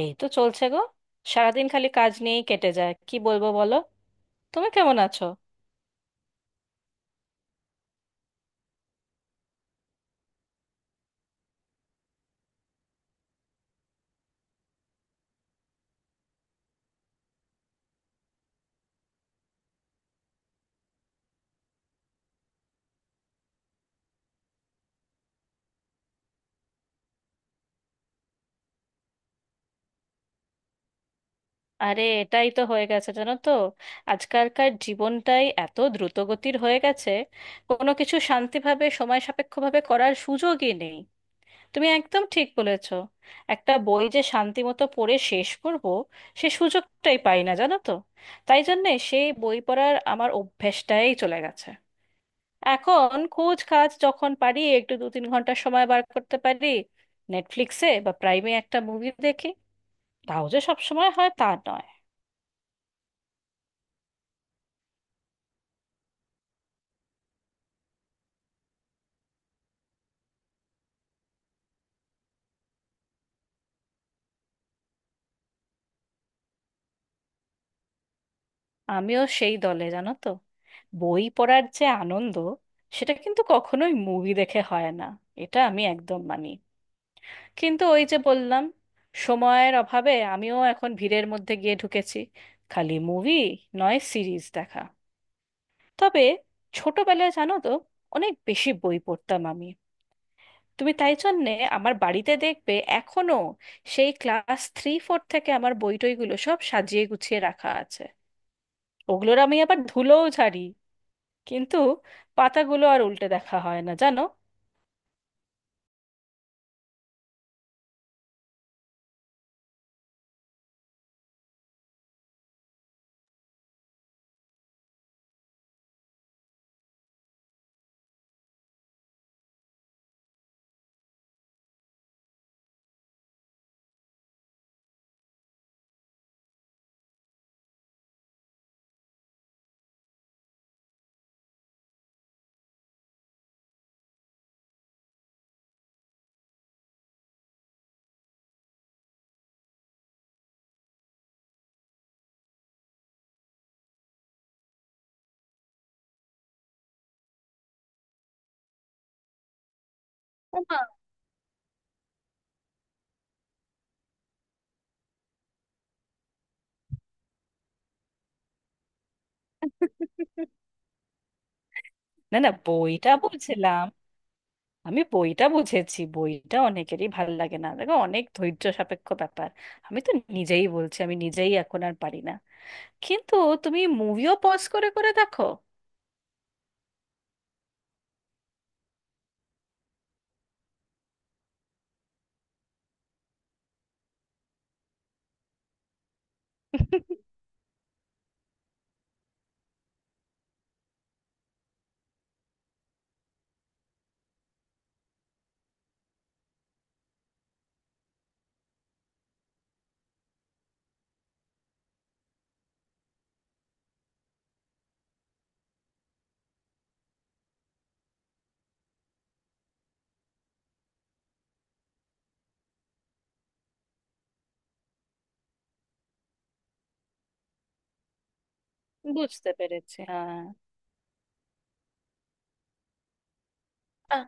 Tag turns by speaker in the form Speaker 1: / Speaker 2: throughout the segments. Speaker 1: এই তো চলছে গো। সারাদিন খালি কাজ নিয়েই কেটে যায়, কি বলবো বলো। তুমি কেমন আছো? আরে এটাই তো হয়ে গেছে জানো তো, আজকালকার জীবনটাই এত দ্রুতগতির হয়ে গেছে। কোনো কিছু শান্তিভাবে সময় সাপেক্ষভাবে করার সুযোগই নেই। তুমি একদম ঠিক বলেছো। একটা বই যে শান্তি মতো পড়ে শেষ করব, সে সুযোগটাই পাই না জানো তো। তাই জন্যে সেই বই পড়ার আমার অভ্যেসটাই চলে গেছে। এখন খোঁজ খাজ যখন পারি, একটু 2-3 ঘন্টা সময় বার করতে পারি, নেটফ্লিক্সে বা প্রাইমে একটা মুভি দেখি। তাও যে সব সময় হয় তা নয়। আমিও সেই দলে জানো তো। বই পড়ার যে আনন্দ, সেটা কিন্তু কখনোই মুভি দেখে হয় না। এটা আমি একদম মানি। কিন্তু ওই যে বললাম, সময়ের অভাবে আমিও এখন ভিড়ের মধ্যে গিয়ে ঢুকেছি। খালি মুভি নয়, সিরিজ দেখা। তবে ছোটবেলায় জানো তো, অনেক বেশি বই পড়তাম আমি। তুমি তাই জন্যে আমার বাড়িতে দেখবে এখনো সেই ক্লাস 3-4 থেকে আমার বই টইগুলো সব সাজিয়ে গুছিয়ে রাখা আছে। ওগুলোর আমি আবার ধুলোও ঝাড়ি, কিন্তু পাতাগুলো আর উল্টে দেখা হয় না জানো। ওমা! না না, বইটা বুঝলাম। আমি বইটা বুঝেছি। বইটা অনেকেরই ভাল লাগে না, দেখো অনেক ধৈর্য সাপেক্ষ ব্যাপার। আমি তো নিজেই বলছি, আমি নিজেই এখন আর পারি না। কিন্তু তুমি মুভিও পজ করে করে দেখো? বুঝতে পেরেছি। হ্যাঁ।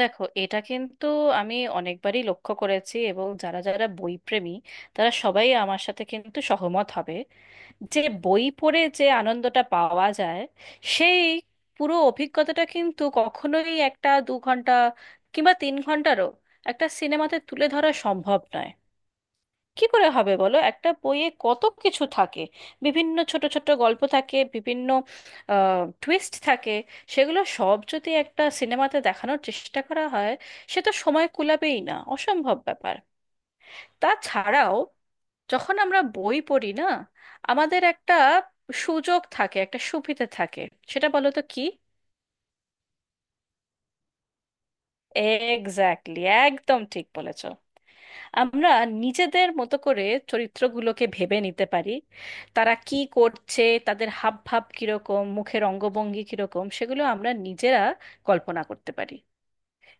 Speaker 1: দেখো এটা কিন্তু আমি অনেকবারই লক্ষ্য করেছি, এবং যারা যারা বইপ্রেমী, তারা সবাই আমার সাথে কিন্তু সহমত হবে যে বই পড়ে যে আনন্দটা পাওয়া যায়, সেই পুরো অভিজ্ঞতাটা কিন্তু কখনোই একটা 2 ঘন্টা কিংবা 3 ঘন্টারও একটা সিনেমাতে তুলে ধরা সম্ভব নয়। কি করে হবে বলো, একটা বইয়ে কত কিছু থাকে। বিভিন্ন ছোট ছোট গল্প থাকে, বিভিন্ন টুইস্ট থাকে। সেগুলো সব যদি একটা সিনেমাতে দেখানোর চেষ্টা করা হয়, সে তো সময় কুলাবেই না, অসম্ভব ব্যাপার। তাছাড়াও যখন আমরা বই পড়ি না, আমাদের একটা সুযোগ থাকে, একটা সুবিধে থাকে। সেটা বলো তো কি? এক্স্যাক্টলি, একদম ঠিক বলেছ। আমরা নিজেদের মতো করে চরিত্রগুলোকে ভেবে নিতে পারি। তারা কি করছে, তাদের হাবভাব কিরকম, মুখের অঙ্গভঙ্গি কিরকম, সেগুলো আমরা নিজেরা কল্পনা করতে পারি।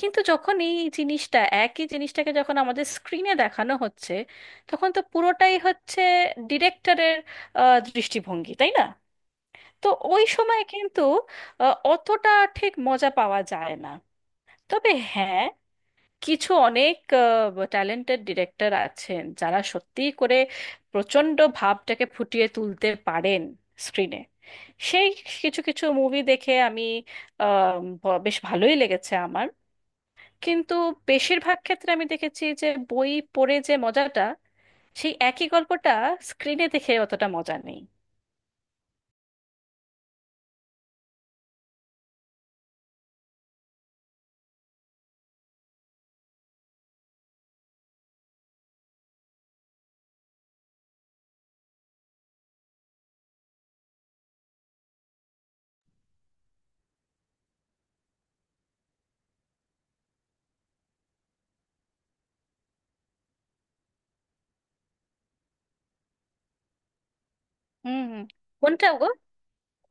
Speaker 1: কিন্তু যখন এই জিনিসটা, একই জিনিসটাকে যখন আমাদের স্ক্রিনে দেখানো হচ্ছে, তখন তো পুরোটাই হচ্ছে ডিরেক্টরের দৃষ্টিভঙ্গি, তাই না? তো ওই সময় কিন্তু অতটা ঠিক মজা পাওয়া যায় না। তবে হ্যাঁ, কিছু অনেক ট্যালেন্টেড ডিরেক্টর আছেন যারা সত্যি করে প্রচণ্ড ভাবটাকে ফুটিয়ে তুলতে পারেন স্ক্রিনে। সেই কিছু কিছু মুভি দেখে আমি বেশ ভালোই লেগেছে আমার। কিন্তু বেশিরভাগ ক্ষেত্রে আমি দেখেছি যে বই পড়ে যে মজাটা, সেই একই গল্পটা স্ক্রিনে দেখে অতটা মজা নেই। হুম, হুম। কোনটা গো?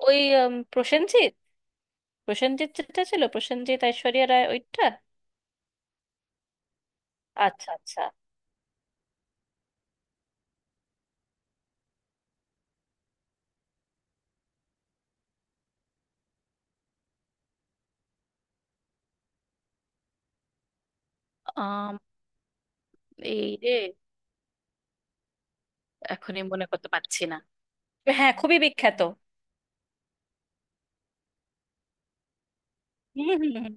Speaker 1: ওই প্রসেনজিৎ। প্রসেনজিৎ যেটা ছিল, প্রসেনজিৎ ঐশ্বরিয়া রায়, ওইটা? আচ্ছা আচ্ছা। আম, এই রে, এখনই মনে করতে পারছি না। হ্যাঁ, খুবই বিখ্যাত। হুম, হুম, হুম।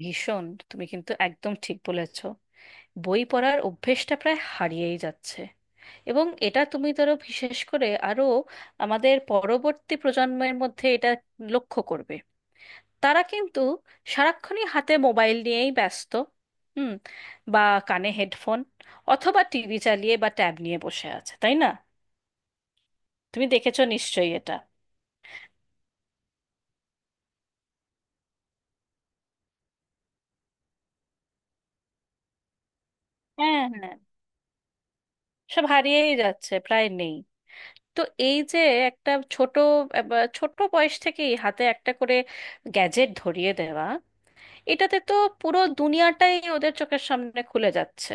Speaker 1: ভীষণ। তুমি কিন্তু একদম ঠিক বলেছ। বই পড়ার অভ্যেসটা প্রায় হারিয়েই যাচ্ছে। এবং এটা তুমি ধরো, বিশেষ করে আরো আমাদের পরবর্তী প্রজন্মের মধ্যে এটা লক্ষ্য করবে। তারা কিন্তু সারাক্ষণই হাতে মোবাইল নিয়েই ব্যস্ত। হুম। বা কানে হেডফোন, অথবা টিভি চালিয়ে বা ট্যাব নিয়ে বসে আছে, তাই না? তুমি দেখেছো নিশ্চয়ই এটা। হ্যাঁ, হ্যাঁ, সব হারিয়েই যাচ্ছে, প্রায় নেই। তো এই যে একটা ছোট বা ছোট বয়স থেকেই হাতে একটা করে গ্যাজেট ধরিয়ে দেওয়া, এটাতে তো পুরো দুনিয়াটাই ওদের চোখের সামনে খুলে যাচ্ছে।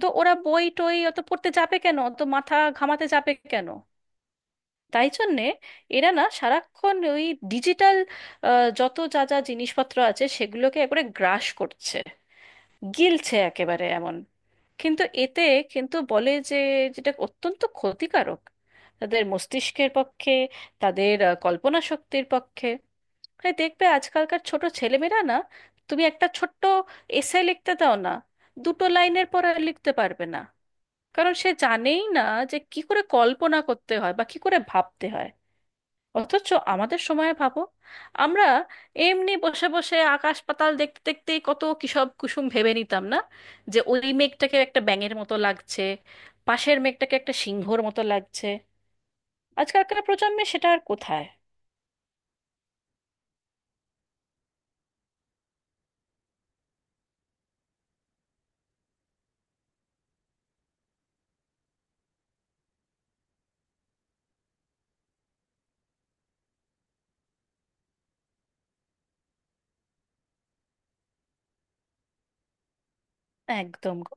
Speaker 1: তো ওরা বই টই অত পড়তে যাবে কেন, অত মাথা ঘামাতে যাবে কেন? তাই জন্যে এরা না সারাক্ষণ ওই ডিজিটাল যত যা যা জিনিসপত্র আছে সেগুলোকে একবারে গ্রাস করছে, গিলছে একেবারে এমন। কিন্তু এতে কিন্তু বলে যে, যেটা অত্যন্ত ক্ষতিকারক তাদের মস্তিষ্কের পক্ষে, তাদের কল্পনা শক্তির পক্ষে। তাই দেখবে আজকালকার ছোট ছেলেমেয়েরা না, তুমি একটা ছোট্ট এসে লিখতে দাও না, দুটো লাইনের পর আর লিখতে পারবে না। কারণ সে জানেই না যে কি করে কল্পনা করতে হয় বা কি করে ভাবতে হয়। অথচ আমাদের সময়ে ভাবো, আমরা এমনি বসে বসে আকাশ পাতাল দেখতে দেখতেই কত কিসব কুসুম ভেবে নিতাম না, যে ওই মেঘটাকে একটা ব্যাঙের মতো লাগছে, পাশের মেঘটাকে একটা সিংহর মতো লাগছে। আজকালকার প্রজন্মে সেটা আর কোথায়? একদম গো।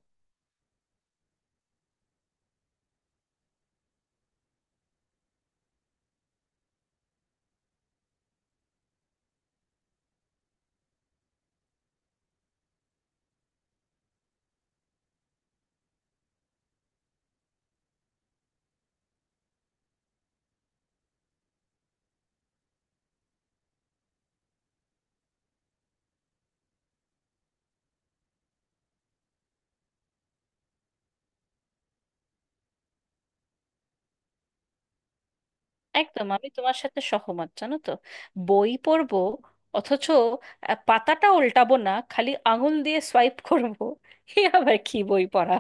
Speaker 1: একদম আমি তোমার সাথে সহমত জানো তো। বই পড়বো অথচ পাতাটা উল্টাবো না, খালি আঙুল দিয়ে সোয়াইপ করবো, এ আবার কি বই পড়া?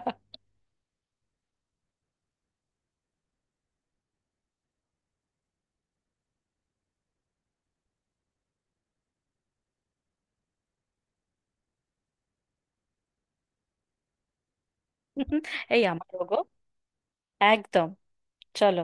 Speaker 1: এই আমারও গো। একদম। চলো।